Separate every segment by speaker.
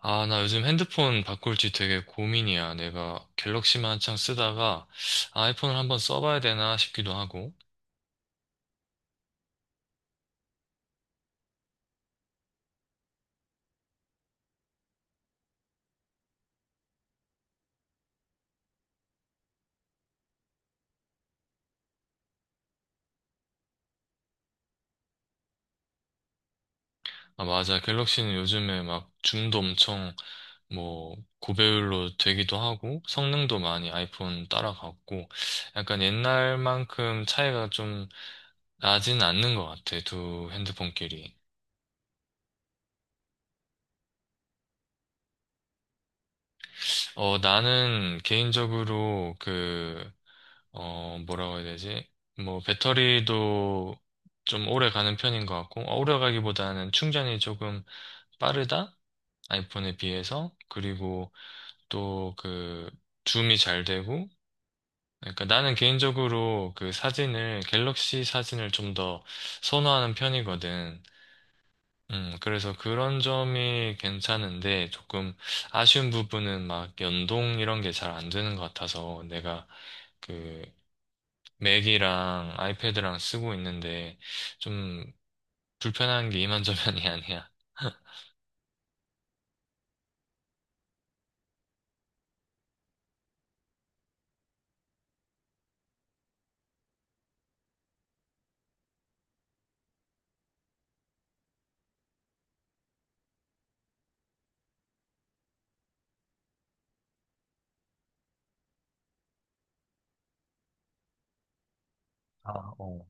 Speaker 1: 아, 나 요즘 핸드폰 바꿀지 되게 고민이야. 내가 갤럭시만 한창 쓰다가 아이폰을 한번 써봐야 되나 싶기도 하고. 아, 맞아. 갤럭시는 요즘에 막 줌도 엄청 뭐 고배율로 되기도 하고 성능도 많이 아이폰 따라갔고 약간 옛날만큼 차이가 좀 나진 않는 것 같아. 두 핸드폰끼리. 어, 나는 개인적으로 그 어, 뭐라고 해야 되지? 뭐, 배터리도 좀 오래 가는 편인 것 같고, 어, 오래 가기보다는 충전이 조금 빠르다? 아이폰에 비해서. 그리고 또 그, 줌이 잘 되고, 그러니까 나는 개인적으로 그 사진을, 갤럭시 사진을 좀 더 선호하는 편이거든. 그래서 그런 점이 괜찮은데, 조금 아쉬운 부분은 막 연동 이런 게 잘 안 되는 것 같아서, 내가 그, 맥이랑 아이패드랑 쓰고 있는데 좀 불편한 게 이만저만이 아니야. 아, 어.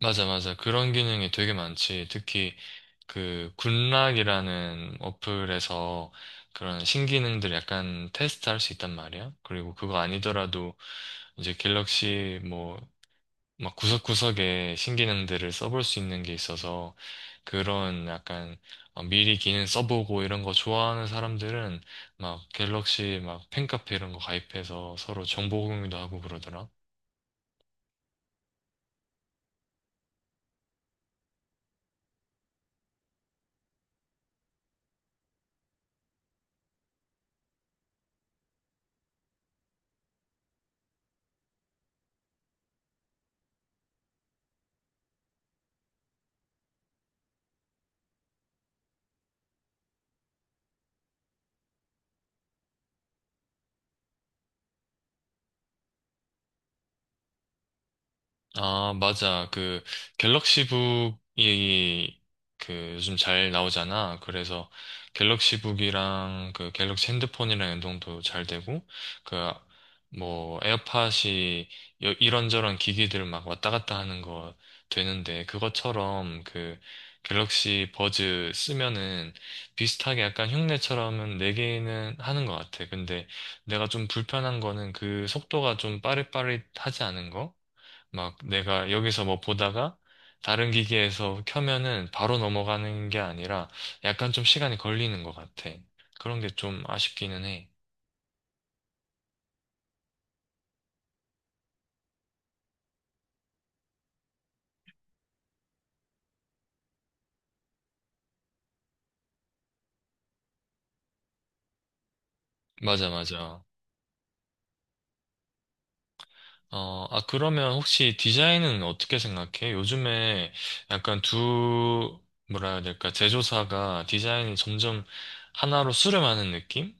Speaker 1: 맞아, 맞아. 그런 기능이 되게 많지. 특히 그 굿락이라는 어플에서 그런 신기능들 약간 테스트할 수 있단 말이야. 그리고 그거 아니더라도 이제 갤럭시 뭐 막 구석구석에 신기능들을 써볼 수 있는 게 있어서 그런 약간 어, 미리 기능 써보고 이런 거 좋아하는 사람들은 막 갤럭시 막 팬카페 이런 거 가입해서 서로 정보 공유도 하고 그러더라. 아, 맞아. 그 갤럭시북이 그 요즘 잘 나오잖아. 그래서 갤럭시북이랑 그 갤럭시 핸드폰이랑 연동도 잘 되고 그 뭐 에어팟이 이런저런 기기들 막 왔다 갔다 하는 거 되는데 그것처럼 그 갤럭시 버즈 쓰면은 비슷하게 약간 흉내처럼은 네 개는 하는 것 같아. 근데 내가 좀 불편한 거는 그 속도가 좀 빠릿빠릿하지 않은 거? 막 내가 여기서 뭐 보다가 다른 기기에서 켜면은 바로 넘어가는 게 아니라 약간 좀 시간이 걸리는 것 같아. 그런 게 좀 아쉽기는 해. 맞아, 맞아. 어, 아, 그러면 혹시 디자인은 어떻게 생각해? 요즘에 약간 두, 뭐라 해야 될까, 제조사가 디자인이 점점 하나로 수렴하는 느낌?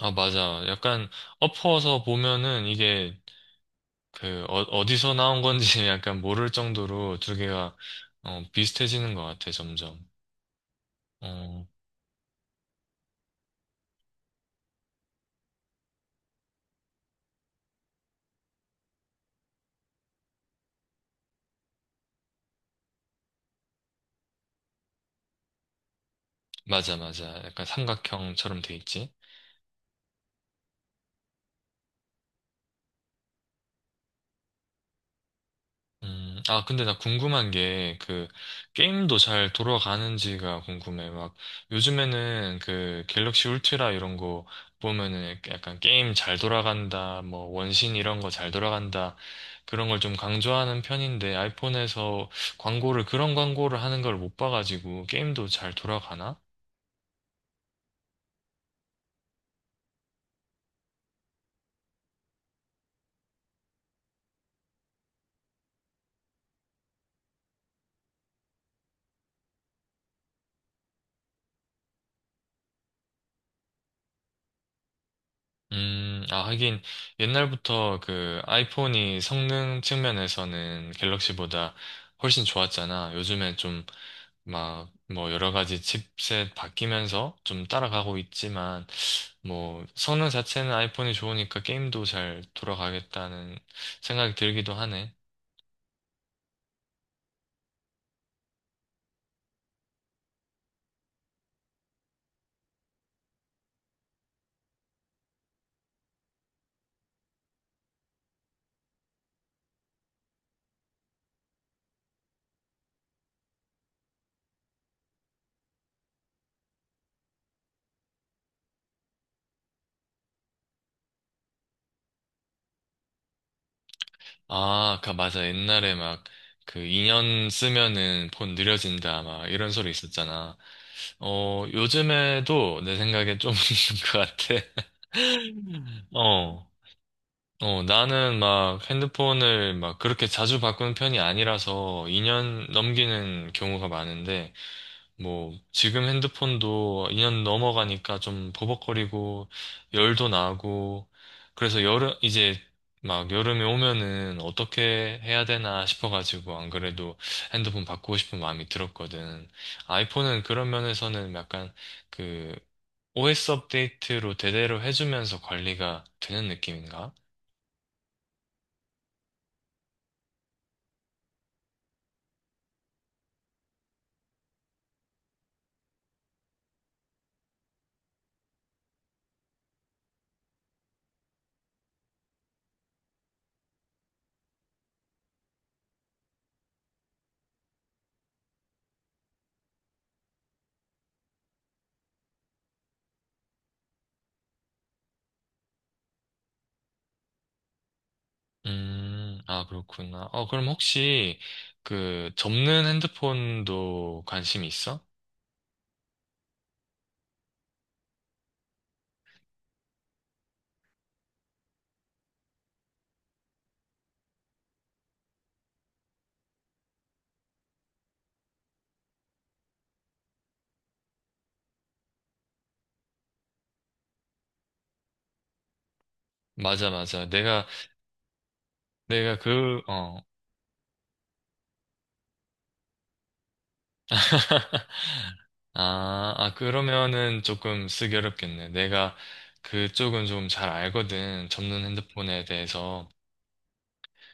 Speaker 1: 아, 맞아. 약간 엎어서 보면은 이게 그, 어, 어디서 나온 건지 약간 모를 정도로 두 개가, 어, 비슷해지는 것 같아, 점점. 어, 맞아, 맞아. 약간 삼각형처럼 돼 있지? 아, 근데 나 궁금한 게, 그, 게임도 잘 돌아가는지가 궁금해. 막, 요즘에는 그, 갤럭시 울트라 이런 거 보면은 약간 게임 잘 돌아간다, 뭐, 원신 이런 거 잘 돌아간다, 그런 걸 좀 강조하는 편인데, 아이폰에서 광고를, 그런 광고를 하는 걸 못 봐가지고, 게임도 잘 돌아가나? 아, 하긴, 옛날부터 그 아이폰이 성능 측면에서는 갤럭시보다 훨씬 좋았잖아. 요즘에 좀 막, 뭐, 여러 가지 칩셋 바뀌면서 좀 따라가고 있지만, 뭐, 성능 자체는 아이폰이 좋으니까 게임도 잘 돌아가겠다는 생각이 들기도 하네. 아, 그, 맞아. 옛날에 막, 그, 2년 쓰면은 폰 느려진다, 막, 이런 소리 있었잖아. 어, 요즘에도 내 생각에 좀 있는 것 같아. 어, 어, 나는 막 핸드폰을 막 그렇게 자주 바꾸는 편이 아니라서 2년 넘기는 경우가 많은데, 뭐, 지금 핸드폰도 2년 넘어가니까 좀 버벅거리고, 열도 나고, 그래서 여름, 이제 막 여름에 오면은 어떻게 해야 되나 싶어가지고, 안 그래도 핸드폰 바꾸고 싶은 마음이 들었거든. 아이폰은 그런 면에서는 약간 그 OS 업데이트로 대대로 해주면서 관리가 되는 느낌인가? 아, 그렇구나. 어, 그럼 혹시 그 접는 핸드폰도 관심이 있어? 맞아, 맞아. 내가 그, 어, 아, 아, 그러면은 조금 쓰기 어렵겠네. 내가 그쪽은 좀 잘 알거든. 접는 핸드폰에 대해서.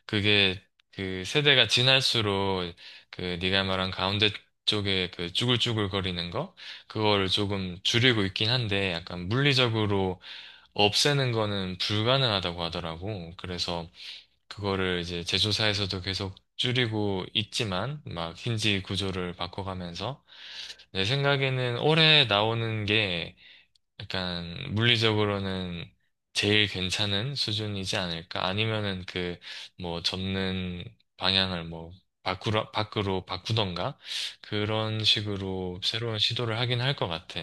Speaker 1: 그게 그 세대가 지날수록 그 네가 말한 가운데 쪽에 그 쭈글쭈글 거리는 거 그거를 조금 줄이고 있긴 한데 약간 물리적으로 없애는 거는 불가능하다고 하더라고. 그래서 그거를 이제 제조사에서도 계속 줄이고 있지만 막 힌지 구조를 바꿔가면서 내 생각에는 올해 나오는 게 약간 물리적으로는 제일 괜찮은 수준이지 않을까? 아니면은 그 뭐 접는 방향을 뭐 밖으로 밖으로 바꾸던가 그런 식으로 새로운 시도를 하긴 할 것 같아.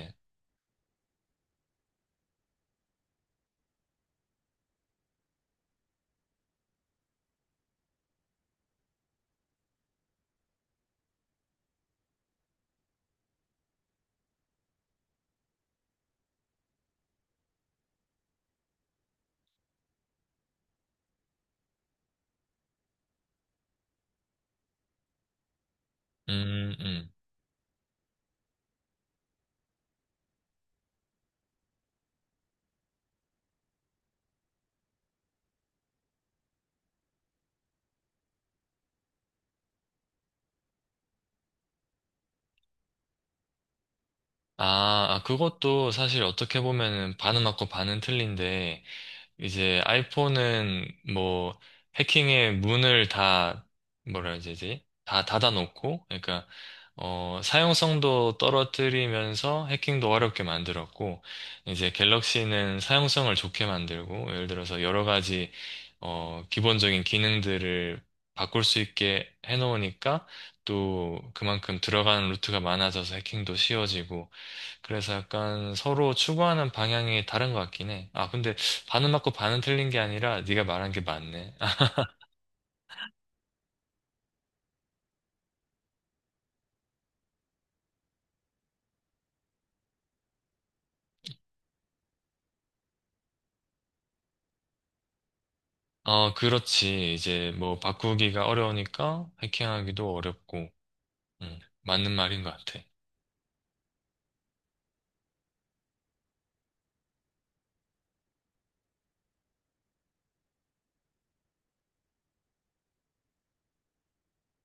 Speaker 1: 음, 음. 아, 아, 그것도 사실 어떻게 보면은 반은 맞고 반은 틀린데 이제 아이폰은 뭐 해킹의 문을 다 뭐라 해야 되지? 다 닫아놓고 그러니까 어 사용성도 떨어뜨리면서 해킹도 어렵게 만들었고 이제 갤럭시는 사용성을 좋게 만들고 예를 들어서 여러 가지 어 기본적인 기능들을 바꿀 수 있게 해놓으니까 또 그만큼 들어가는 루트가 많아져서 해킹도 쉬워지고 그래서 약간 서로 추구하는 방향이 다른 것 같긴 해. 아, 근데 반은 맞고 반은 틀린 게 아니라 네가 말한 게 맞네. 어, 그렇지. 이제 뭐 바꾸기가 어려우니까 해킹하기도 어렵고. 맞는 말인 것 같아.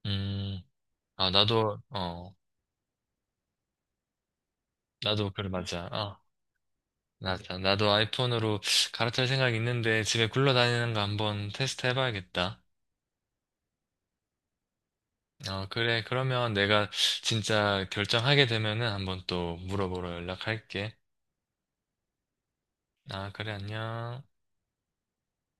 Speaker 1: 음, 아, 나도, 어, 나도 그래, 맞아. 아, 맞아. 나도 아이폰으로 갈아탈 생각 있는데 집에 굴러다니는 거 한번 테스트 해봐야겠다. 어, 그래. 그러면 내가 진짜 결정하게 되면은 한번 또 물어보러 연락할게. 아, 그래, 안녕.